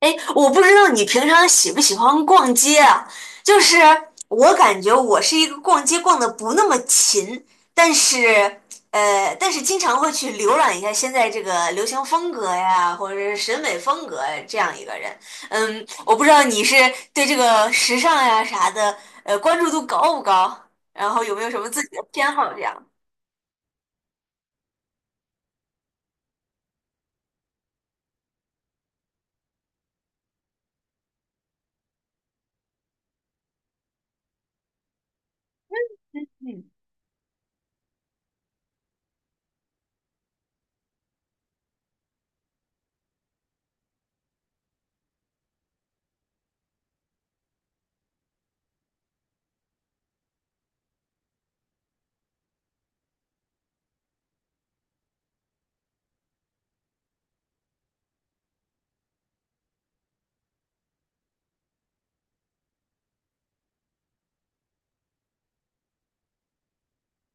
哎，我不知道你平常喜不喜欢逛街啊？就是我感觉我是一个逛街逛的不那么勤，但是但是经常会去浏览一下现在这个流行风格呀，或者是审美风格呀这样一个人。嗯，我不知道你是对这个时尚呀啥的，关注度高不高？然后有没有什么自己的偏好这样？嗯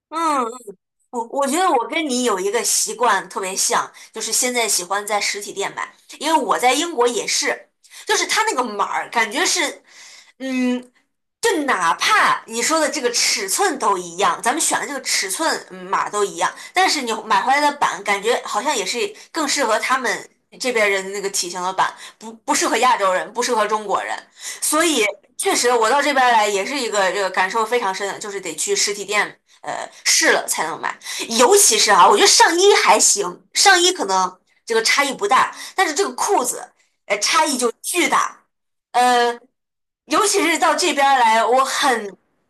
嗯。我觉得我跟你有一个习惯特别像，就是现在喜欢在实体店买，因为我在英国也是，就是他那个码儿感觉是，嗯，就哪怕你说的这个尺寸都一样，咱们选的这个尺寸嗯码都一样，但是你买回来的版感觉好像也是更适合他们这边人的那个体型的版，不适合亚洲人，不适合中国人。所以确实，我到这边来也是一个这个感受非常深的，就是得去实体店试了才能买。尤其是啊，我觉得上衣还行，上衣可能这个差异不大，但是这个裤子差异就巨大。呃，尤其是到这边儿来，我很，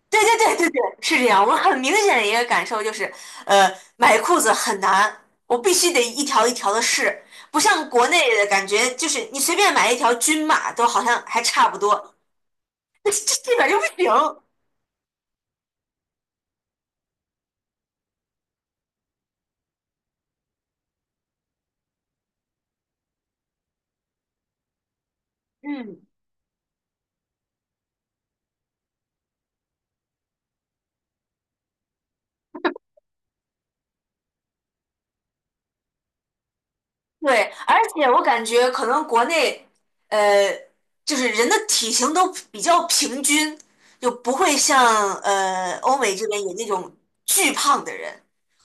对对对对对，是这样。我很明显的一个感受就是，呃，买裤子很难，我必须得一条一条的试，不像国内的感觉，就是你随便买一条均码都好像还差不多，这这边儿就不行。嗯。对，而且我感觉可能国内，呃，就是人的体型都比较平均，就不会像欧美这边有那种巨胖的人。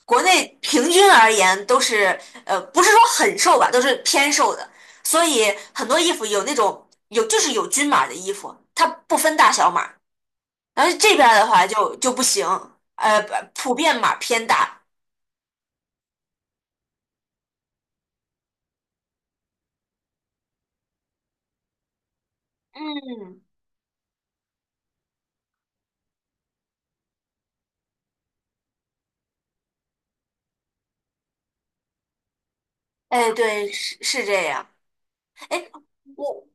国内平均而言都是不是说很瘦吧，都是偏瘦的，所以很多衣服有那种就是有均码的衣服，它不分大小码。然后这边儿的话就不行，呃，普遍码偏大。嗯，哎，对，是是这样。哎，我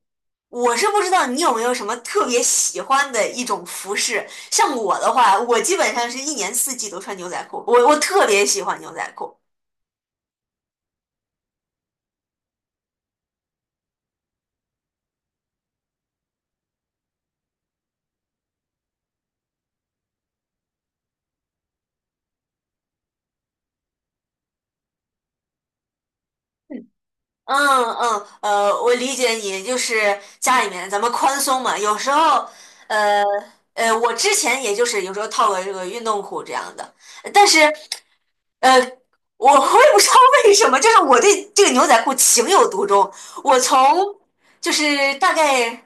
我是不知道你有没有什么特别喜欢的一种服饰，像我的话，我基本上是一年四季都穿牛仔裤，我特别喜欢牛仔裤。嗯嗯，我理解你，就是家里面咱们宽松嘛，有时候，呃我之前也就是有时候套个这个运动裤这样的，但是。呃，我也不知道为什么，就是我对这个牛仔裤情有独钟。我从就是大概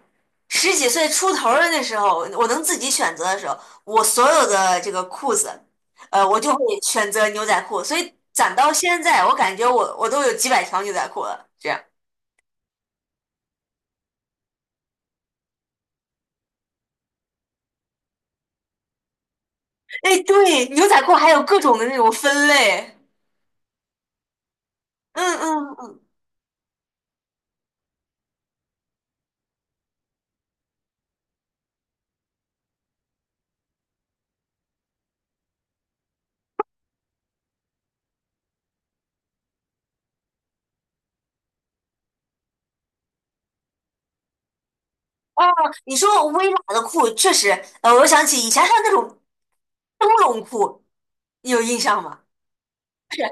十几岁出头儿的那时候，我能自己选择的时候，我所有的这个裤子，我就会选择牛仔裤。所以攒到现在，我感觉我都有几百条牛仔裤了。这样，哎，对，牛仔裤还有各种的那种分类。嗯嗯嗯，哦，你说微喇的裤确实，我想起以前还有那种灯笼裤，你有印象吗？是。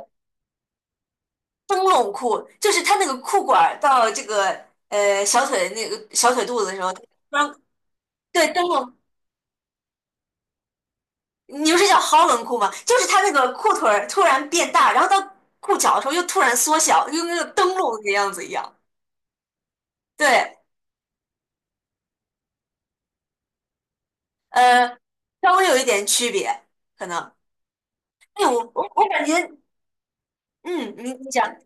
灯笼裤，就是它那个裤管儿到这个小腿那个小腿肚子的时候，突然对灯笼，你不是叫 Holland 裤吗？就是它那个裤腿儿突然变大，然后到裤脚的时候又突然缩小，就跟那个灯笼那个样子一样。对，呃，稍微有一点区别，可能。哎，我感觉，嗯，你你讲，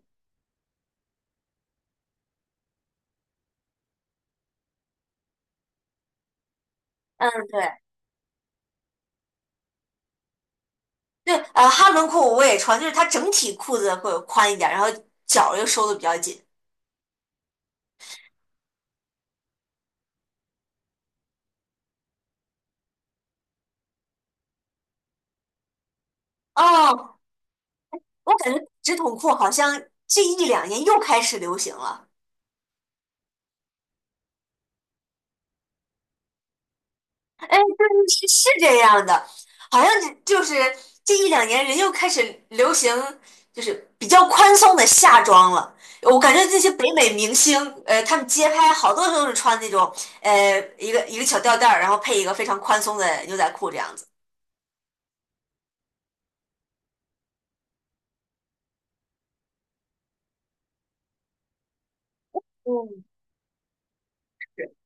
嗯，对对，哈伦裤我也穿，就是它整体裤子会宽一点，然后脚又收的比较紧。哦，我感觉直筒裤好像这一两年又开始流行了。哎，对，是是这样的，好像就是这一两年人又开始流行，就是比较宽松的夏装了。我感觉这些北美明星，他们街拍好多都是穿那种，一个一个小吊带儿，然后配一个非常宽松的牛仔裤这样子。嗯，是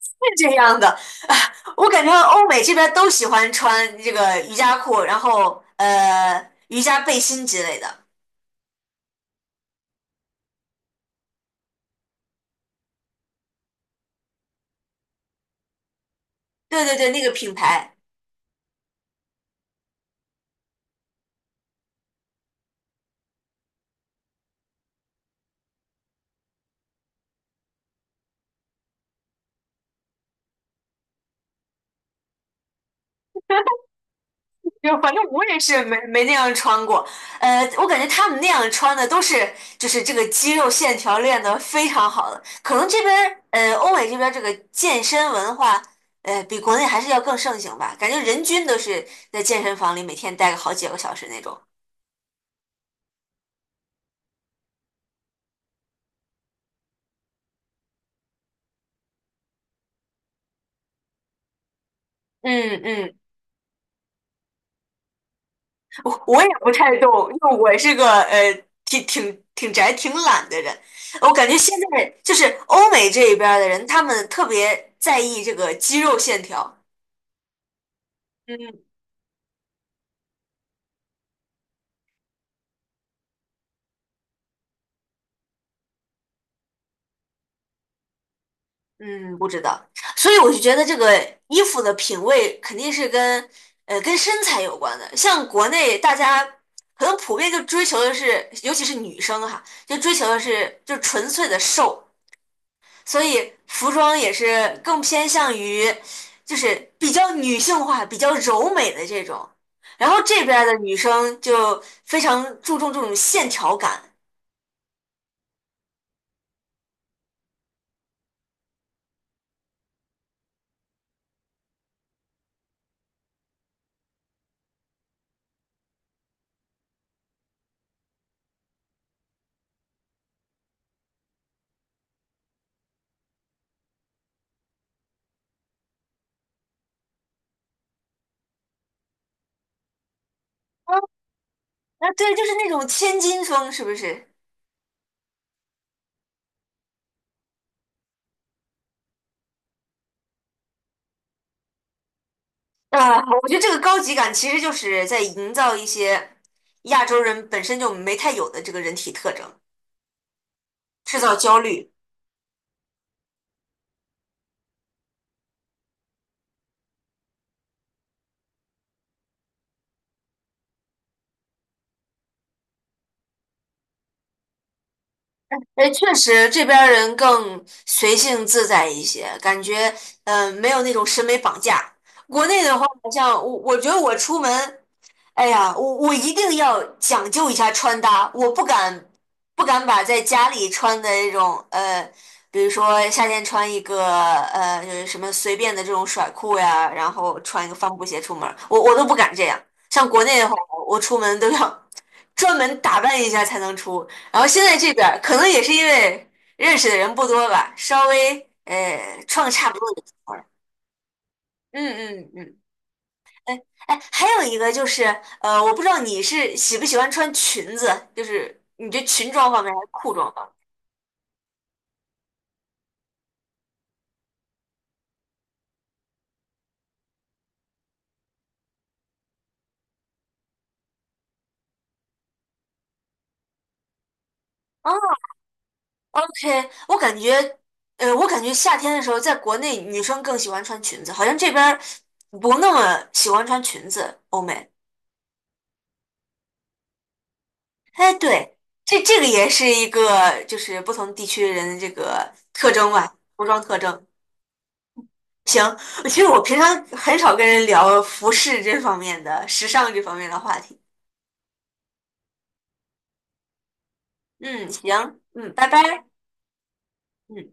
是这样的，我感觉欧美这边都喜欢穿这个瑜伽裤，然后瑜伽背心之类的。对对对，那个品牌，就反正我也是没那样穿过。我感觉他们那样穿的都是就是这个肌肉线条练得非常好的，可能这边儿欧美这边儿这个健身文化比国内还是要更盛行吧，感觉人均都是在健身房里每天待个好几个小时那种。嗯嗯。我也不太懂，因为我是个挺挺宅、挺懒的人。我感觉现在就是欧美这一边儿的人，他们特别在意这个肌肉线条。嗯嗯，不知道，所以我就觉得这个衣服的品味肯定是跟跟身材有关的。像国内大家可能普遍就追求的是，尤其是女生哈，就追求的是就纯粹的瘦。所以服装也是更偏向于，就是比较女性化、比较柔美的这种。然后这边儿的女生就非常注重这种线条感，啊，啊对，就是那种千金风，是不是？啊，我觉得这个高级感其实就是在营造一些亚洲人本身就没太有的这个人体特征，制造焦虑。哎，确实这边儿人更随性自在一些，感觉嗯、没有那种审美绑架。国内的话，好像我觉得我出门，哎呀，我一定要讲究一下穿搭，我不敢不敢把在家里穿的那种，比如说夏天穿一个就是什么随便的这种甩裤呀，然后穿一个帆布鞋出门儿我都不敢这样。像国内的话，我出门都要专门打扮一下才能出。然后现在这边儿可能也是因为认识的人不多吧，稍微创差不多的活儿。嗯嗯嗯，哎，还有一个就是，我不知道你是喜不喜欢穿裙子，就是你这裙装方面还是裤装方面？哦，OK，我感觉，我感觉夏天的时候，在国内女生更喜欢穿裙子，好像这边儿不那么喜欢穿裙子，欧美。哎，对，这这个也是一个就是不同地区人的这个特征吧，服装特征。行，其实我平常很少跟人聊服饰这方面的、时尚这方面的话题。嗯，行，嗯，拜拜，嗯。